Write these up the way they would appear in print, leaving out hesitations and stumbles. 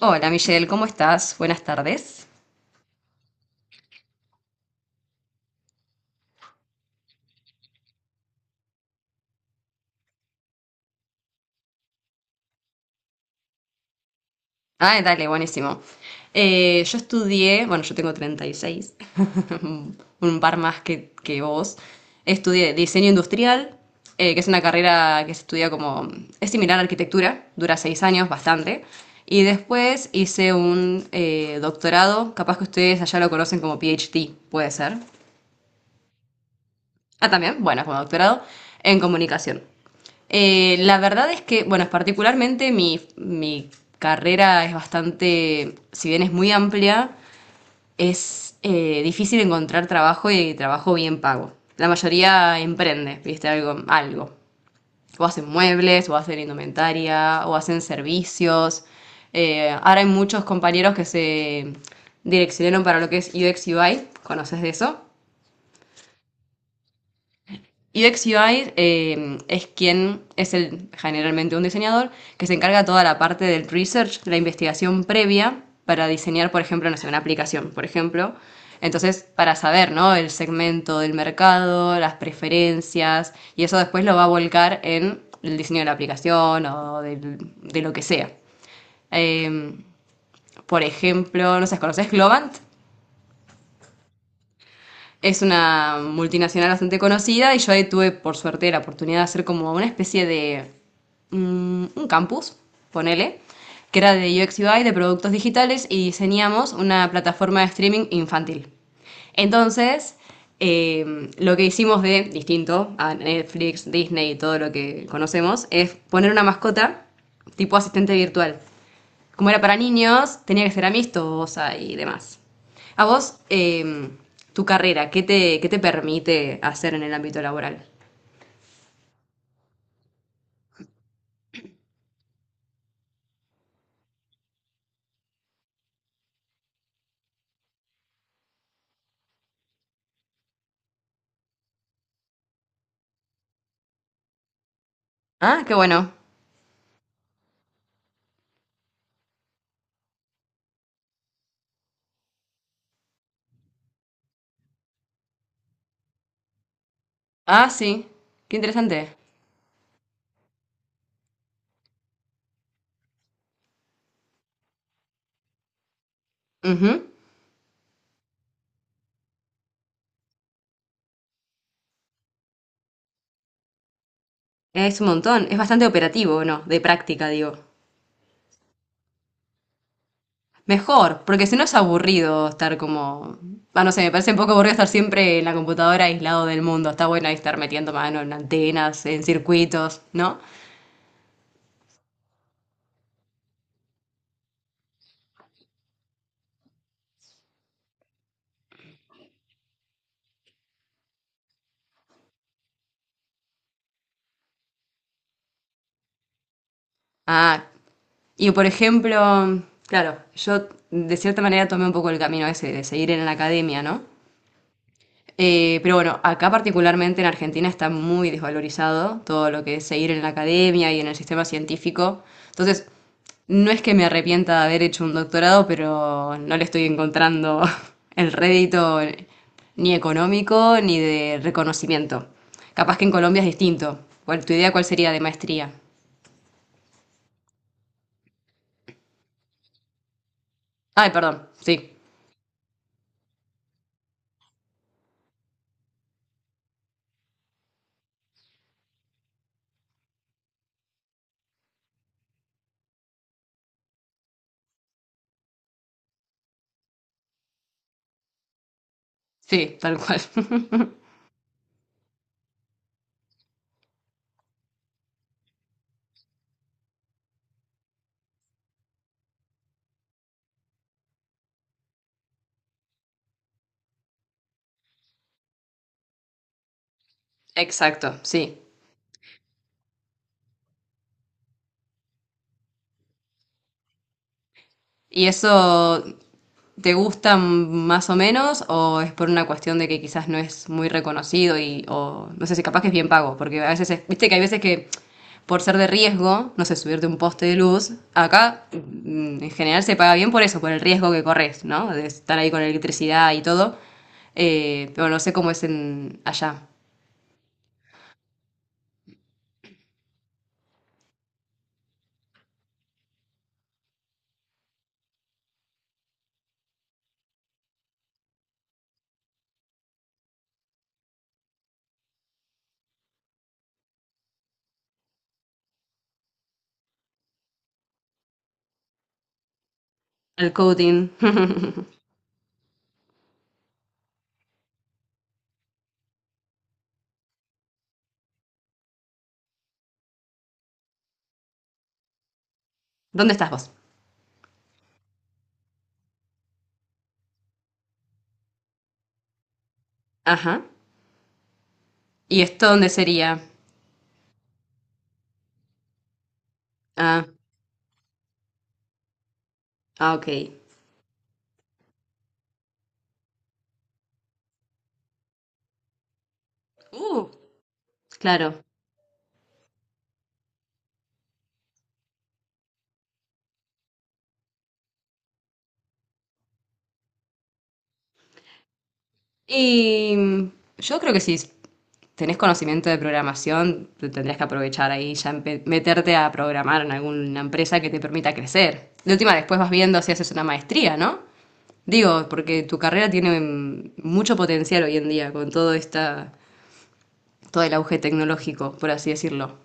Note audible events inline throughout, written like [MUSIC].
Hola Michelle, ¿cómo estás? Buenas tardes. Ah, dale, buenísimo. Yo estudié, bueno, yo tengo 36, [LAUGHS] un par más que vos. Estudié diseño industrial, que es una carrera que se estudia como, es similar a arquitectura, dura 6 años, bastante. Y después hice un doctorado, capaz que ustedes allá lo conocen como PhD, puede ser. Ah, también, bueno, con doctorado en comunicación. La verdad es que, bueno, particularmente mi carrera es bastante, si bien es muy amplia, es difícil encontrar trabajo y trabajo bien pago. La mayoría emprende, viste, algo, algo. O hacen muebles, o hacen indumentaria, o hacen servicios. Ahora hay muchos compañeros que se direccionaron para lo que es UX UI, ¿conoces de eso? UX UI es quien es el, generalmente un diseñador que se encarga toda la parte del research, de la investigación previa para diseñar, por ejemplo, no sé, una aplicación, por ejemplo. Entonces, para saber, ¿no? El segmento del mercado, las preferencias, y eso después lo va a volcar en el diseño de la aplicación o lo que sea. Eh, por ejemplo, no sé, ¿conoces Globant? Es una multinacional bastante conocida y yo ahí tuve, por suerte, la oportunidad de hacer como una especie de un campus, ponele, que era de UX UI, de productos digitales, y diseñamos una plataforma de streaming infantil. Entonces, lo que hicimos de distinto a Netflix, Disney y todo lo que conocemos es poner una mascota tipo asistente virtual como era para niños, tenía que ser amistosa y demás. A vos, tu carrera, qué te permite hacer en el ámbito laboral? Ah, qué bueno. Ah, sí. Qué interesante. Ujú. Es un montón. Es bastante operativo, ¿no? De práctica, digo. Mejor, porque si no es aburrido estar como... Ah, no sé, me parece un poco aburrido estar siempre en la computadora aislado del mundo. Está bueno ahí estar metiendo mano en antenas, en circuitos, ¿no? Ah. Y por ejemplo, claro, yo de cierta manera tomé un poco el camino ese de seguir en la academia, ¿no? Pero bueno, acá particularmente en Argentina está muy desvalorizado todo lo que es seguir en la academia y en el sistema científico. Entonces, no es que me arrepienta de haber hecho un doctorado, pero no le estoy encontrando [LAUGHS] el rédito ni económico ni de reconocimiento. Capaz que en Colombia es distinto. ¿Tu idea cuál sería de maestría? Ay, perdón, sí, sí, tal cual. [LAUGHS] Exacto, sí. ¿Y eso te gusta más o menos o es por una cuestión de que quizás no es muy reconocido y o no sé si capaz que es bien pago? Porque a veces, viste que hay veces que por ser de riesgo, no sé, subirte un poste de luz, acá en general se paga bien por eso, por el riesgo que corres, ¿no? De estar ahí con electricidad y todo. Pero no sé cómo es en allá. El coding. [LAUGHS] ¿Dónde estás vos? Ajá. ¿Y esto dónde sería? Ah, ah, ok. Uh. Claro. Y yo creo que si tenés conocimiento de programación, te tendrías que aprovechar ahí, ya meterte a programar en alguna empresa que te permita crecer. De última, después vas viendo si haces una maestría, ¿no? Digo, porque tu carrera tiene mucho potencial hoy en día con todo el auge tecnológico, por así decirlo.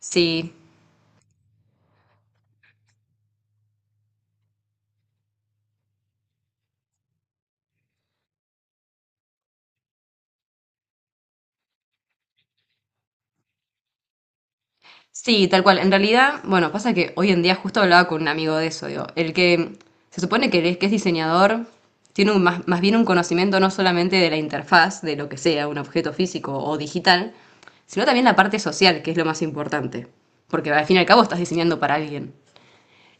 Sí. Sí, tal cual. En realidad, bueno, pasa que hoy en día justo hablaba con un amigo de eso, digo, el que se supone que es diseñador tiene más bien un conocimiento no solamente de la interfaz, de lo que sea, un objeto físico o digital, sino también la parte social, que es lo más importante, porque al fin y al cabo estás diseñando para alguien.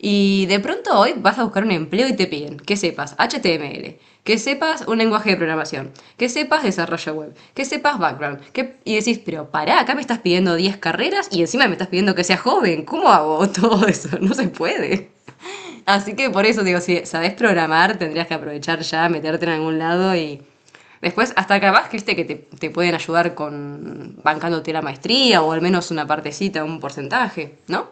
Y de pronto hoy vas a buscar un empleo y te piden que sepas HTML, que sepas un lenguaje de programación, que sepas desarrollo web, que sepas background. Y decís, pero pará, acá me estás pidiendo 10 carreras y encima me estás pidiendo que sea joven. ¿Cómo hago [LAUGHS] todo eso? No se puede. Así que por eso digo, si sabes programar, tendrías que aprovechar ya, meterte en algún lado y después hasta capaz que viste que te pueden ayudar con bancándote la maestría o al menos una partecita, un porcentaje, ¿no?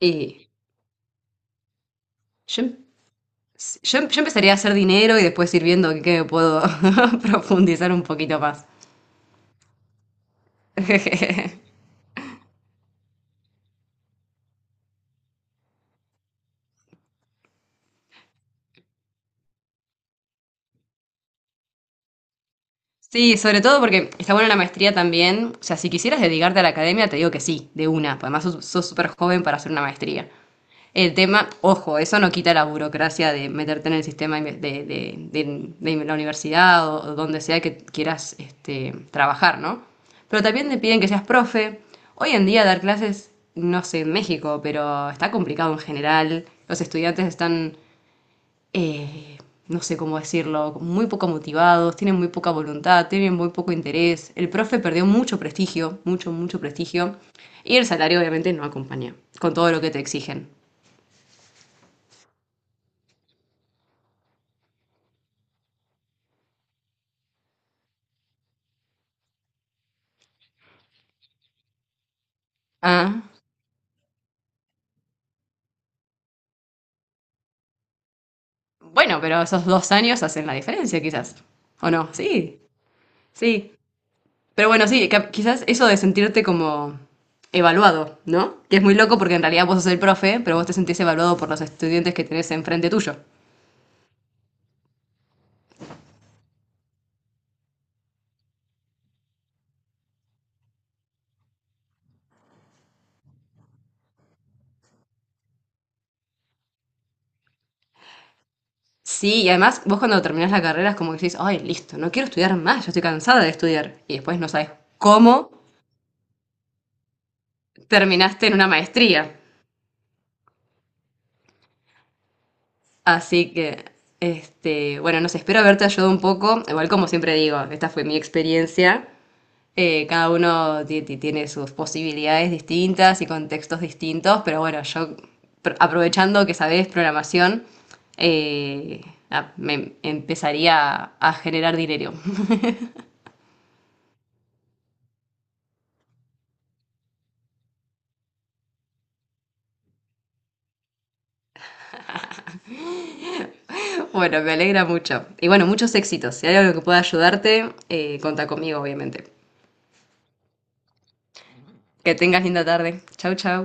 Y yo yo empezaría a hacer dinero y después ir viendo qué me puedo [LAUGHS] profundizar un poquito más. [LAUGHS] Sí, sobre todo porque está buena la maestría también. O sea, si quisieras dedicarte a la academia, te digo que sí, de una. Pues además sos súper joven para hacer una maestría. El tema, ojo, eso no quita la burocracia de meterte en el sistema de la universidad o donde sea que quieras este, trabajar, ¿no? Pero también te piden que seas profe. Hoy en día dar clases, no sé, en México, pero está complicado en general. Los estudiantes están eh, no sé cómo decirlo, muy poco motivados, tienen muy poca voluntad, tienen muy poco interés. El profe perdió mucho prestigio, mucho, mucho prestigio. Y el salario obviamente no acompaña con todo lo que te exigen. Ah, bueno, pero esos 2 años hacen la diferencia quizás. ¿O no? Sí, sí. Pero bueno, sí, quizás eso de sentirte como evaluado, ¿no? Que es muy loco porque en realidad vos sos el profe, pero vos te sentís evaluado por los estudiantes que tenés enfrente tuyo. Sí, y además vos cuando terminás la carrera es como que decís, ay, listo, no quiero estudiar más, ya estoy cansada de estudiar. Y después no sabes cómo terminaste en una maestría. Así que, este, bueno, no sé, espero haberte ayudado un poco. Igual como siempre digo, esta fue mi experiencia. Cada uno tiene sus posibilidades distintas y contextos distintos, pero bueno, yo aprovechando que sabés programación, eh, me empezaría a generar dinero. [LAUGHS] Bueno, me alegra mucho. Y bueno, muchos éxitos. Si hay algo que pueda ayudarte, contá conmigo, obviamente. Que tengas linda tarde. Chau, chau.